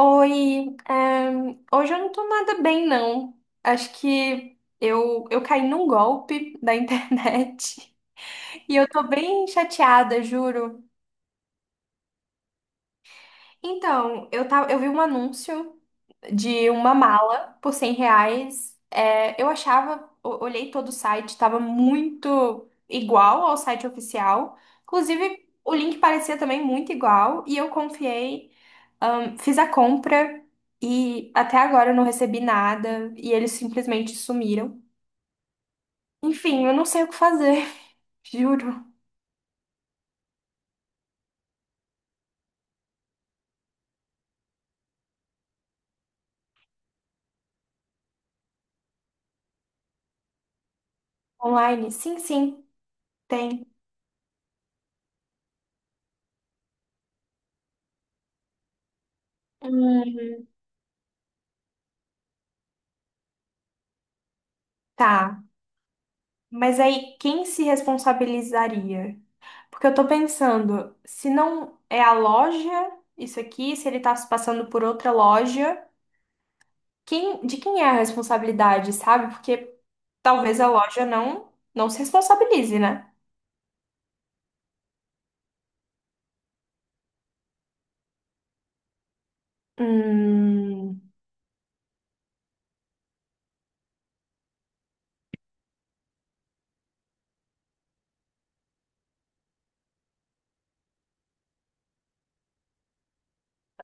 Oi, hoje eu não tô nada bem, não. Acho que eu caí num golpe da internet e eu tô bem chateada, juro. Então, eu vi um anúncio de uma mala por R$ 100. É, olhei todo o site, estava muito igual ao site oficial. Inclusive, o link parecia também muito igual. E eu confiei, fiz a compra e até agora eu não recebi nada. E eles simplesmente sumiram. Enfim, eu não sei o que fazer, juro. Online? Sim, sim, tem. Hum, tá. Mas aí, quem se responsabilizaria? Porque eu tô pensando, se não é a loja, isso aqui, se ele tá se passando por outra loja, de quem é a responsabilidade, sabe? Porque talvez a loja não se responsabilize, né? Hum,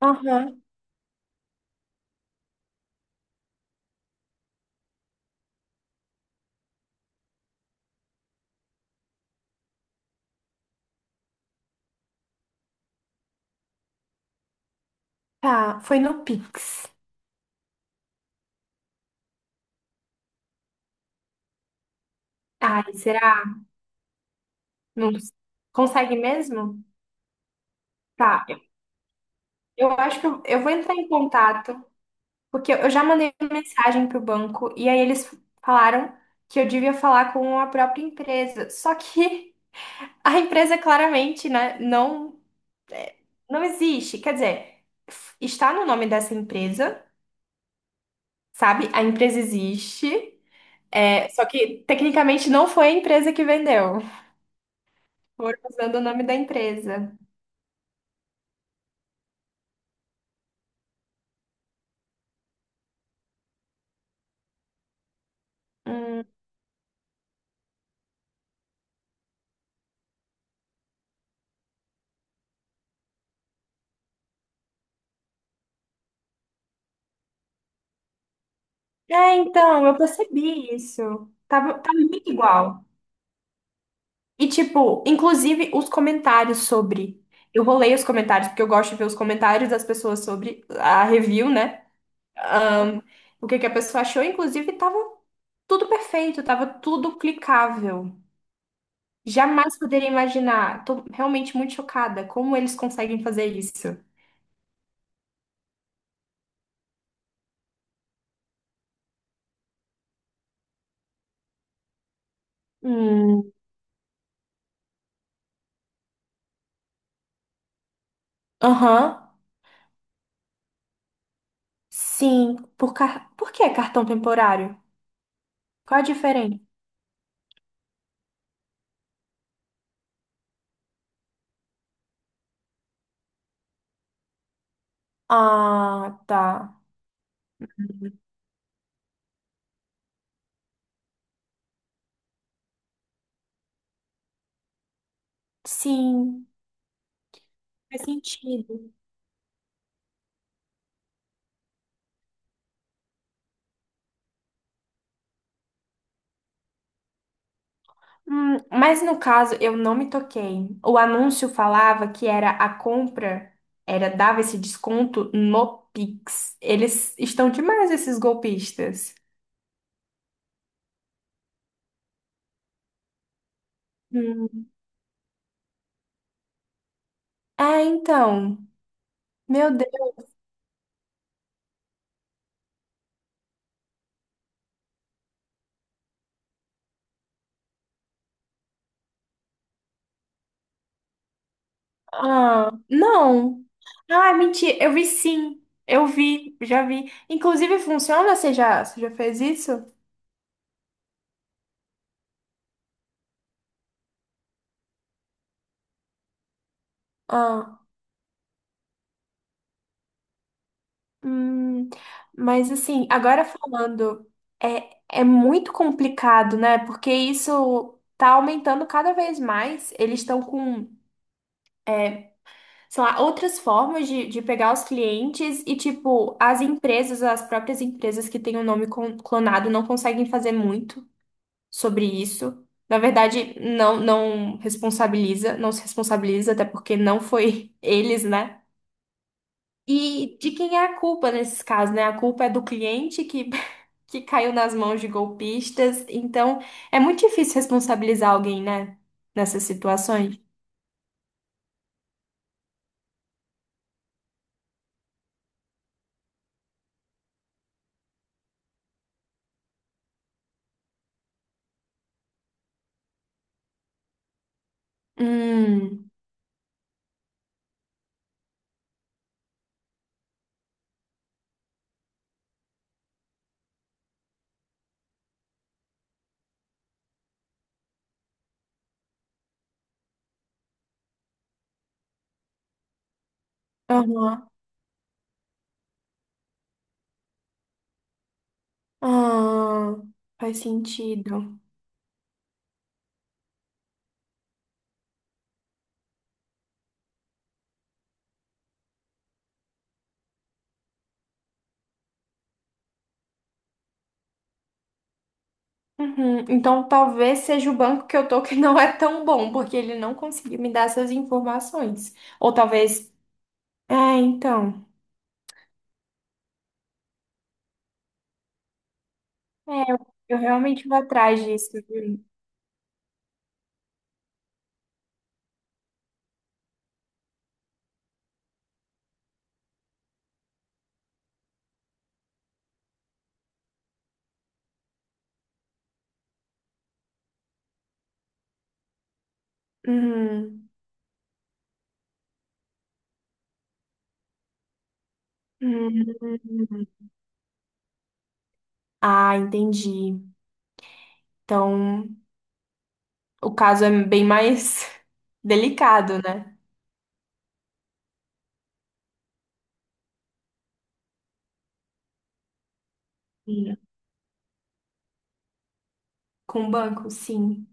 aham, tá, foi no Pix. Ai, será? Não consegue mesmo? Tá, eu acho que eu vou entrar em contato. Porque eu já mandei uma mensagem pro banco e aí eles falaram que eu devia falar com a própria empresa. Só que a empresa claramente, né, é, não existe. Quer dizer, está no nome dessa empresa, sabe? A empresa existe, é, só que tecnicamente não foi a empresa que vendeu. Foram usando o nome da empresa. Hum. É, então, eu percebi isso. Tá muito igual. E, tipo, inclusive os comentários sobre. Eu vou ler os comentários, porque eu gosto de ver os comentários das pessoas sobre a review, né? Ahn, o que que a pessoa achou. Inclusive, tava tudo perfeito, tava tudo clicável. Jamais poderia imaginar. Tô realmente muito chocada. Como eles conseguem fazer isso? Hum. Aham. Sim. Por que cartão temporário? Qual a diferença? Ah, tá. Sim. Faz sentido. Mas no caso, eu não me toquei. O anúncio falava que era a compra, era dava esse desconto no Pix. Eles estão demais, esses golpistas. Hum. É, então. Meu Deus. Ah, não. Ah, mentira. Eu vi sim. Já vi. Inclusive, funciona? Você já fez isso? Ah. Hum, mas assim, agora falando, é muito complicado, né? Porque isso tá aumentando cada vez mais. Eles estão com, sei lá, outras formas de pegar os clientes e, tipo, as próprias empresas que têm o nome clonado não conseguem fazer muito sobre isso. Na verdade, não responsabiliza, não se responsabiliza, até porque não foi eles, né? E de quem é a culpa nesses casos, né? A culpa é do cliente que caiu nas mãos de golpistas. Então, é muito difícil responsabilizar alguém, né? Nessas situações. Hum, aham. Ah, faz sentido. Uhum. Então, talvez seja o banco que eu tô que não é tão bom, porque ele não conseguiu me dar essas informações. Ou talvez. É, então. É, eu realmente vou atrás disso, viu? Uhum. Uhum. Ah, entendi. Então, o caso é bem mais delicado, né? Sim. Com o banco, sim.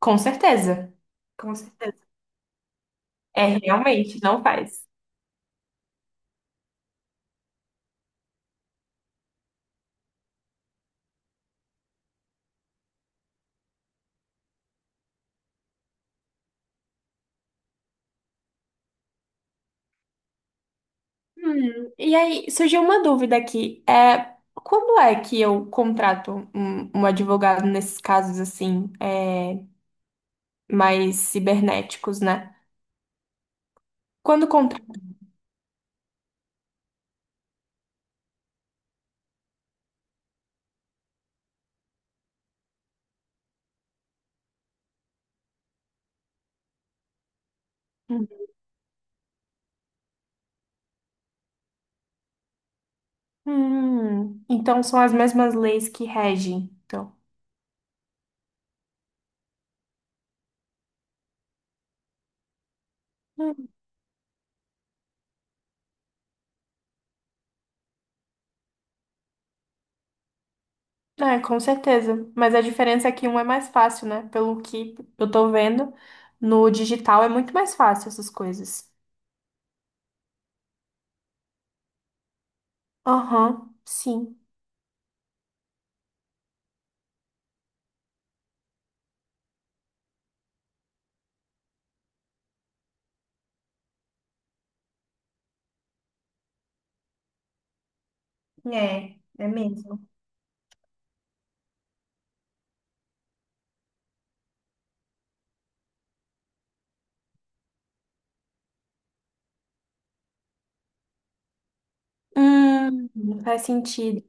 Com certeza, com certeza. É, realmente, não faz. E aí, surgiu uma dúvida aqui. É, quando é que eu contrato um advogado nesses casos, assim, é, mais cibernéticos, né? Quando contrato. Então são as mesmas leis que regem, então. Hum, É, com certeza. Mas a diferença é que um é mais fácil, né? Pelo que eu tô vendo, no digital é muito mais fácil essas coisas. Aham, sim. É, é mesmo. Faz sentido.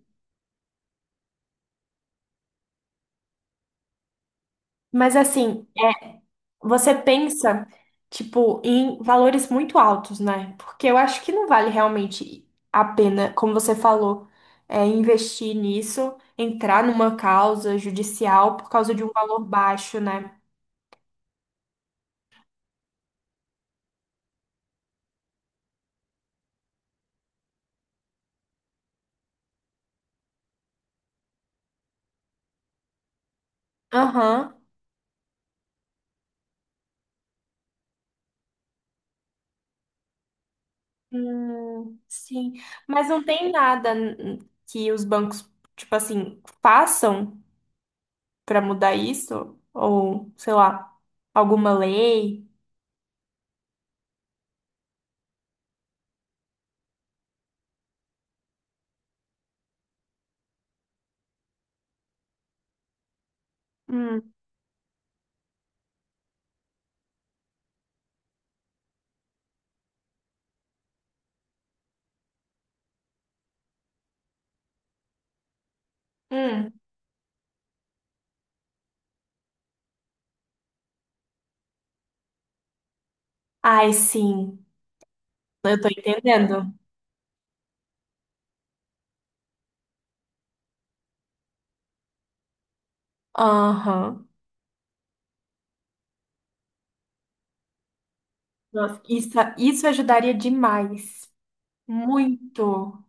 Mas assim, você pensa, tipo, em valores muito altos, né? Porque eu acho que não vale realmente a pena, como você falou, é, investir nisso, entrar numa causa judicial por causa de um valor baixo, né? Aham. Sim. Mas não tem nada que os bancos, tipo assim, façam para mudar isso? Ou, sei lá, alguma lei? Hum. Hum. Ai, sim. Eu tô entendendo. Aham. Nossa, isso ajudaria demais. Muito.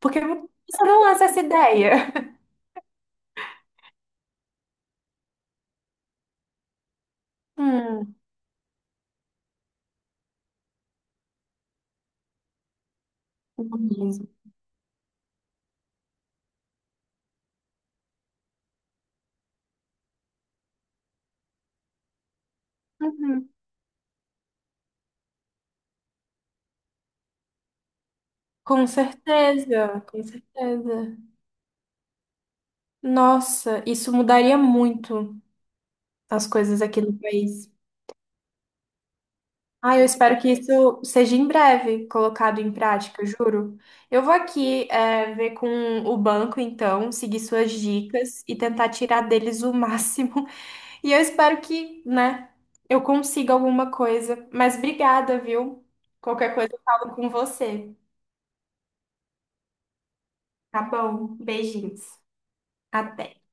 Porque você não lança essa ideia. Hum. Mesmo. Uhum. Com certeza, com certeza. Nossa, isso mudaria muito as coisas aqui no país. Ah, eu espero que isso seja em breve colocado em prática, juro. Eu vou aqui, é, ver com o banco, então, seguir suas dicas e tentar tirar deles o máximo. E eu espero que, né, eu consiga alguma coisa. Mas obrigada, viu? Qualquer coisa eu falo com você. Tá bom, beijinhos. Até.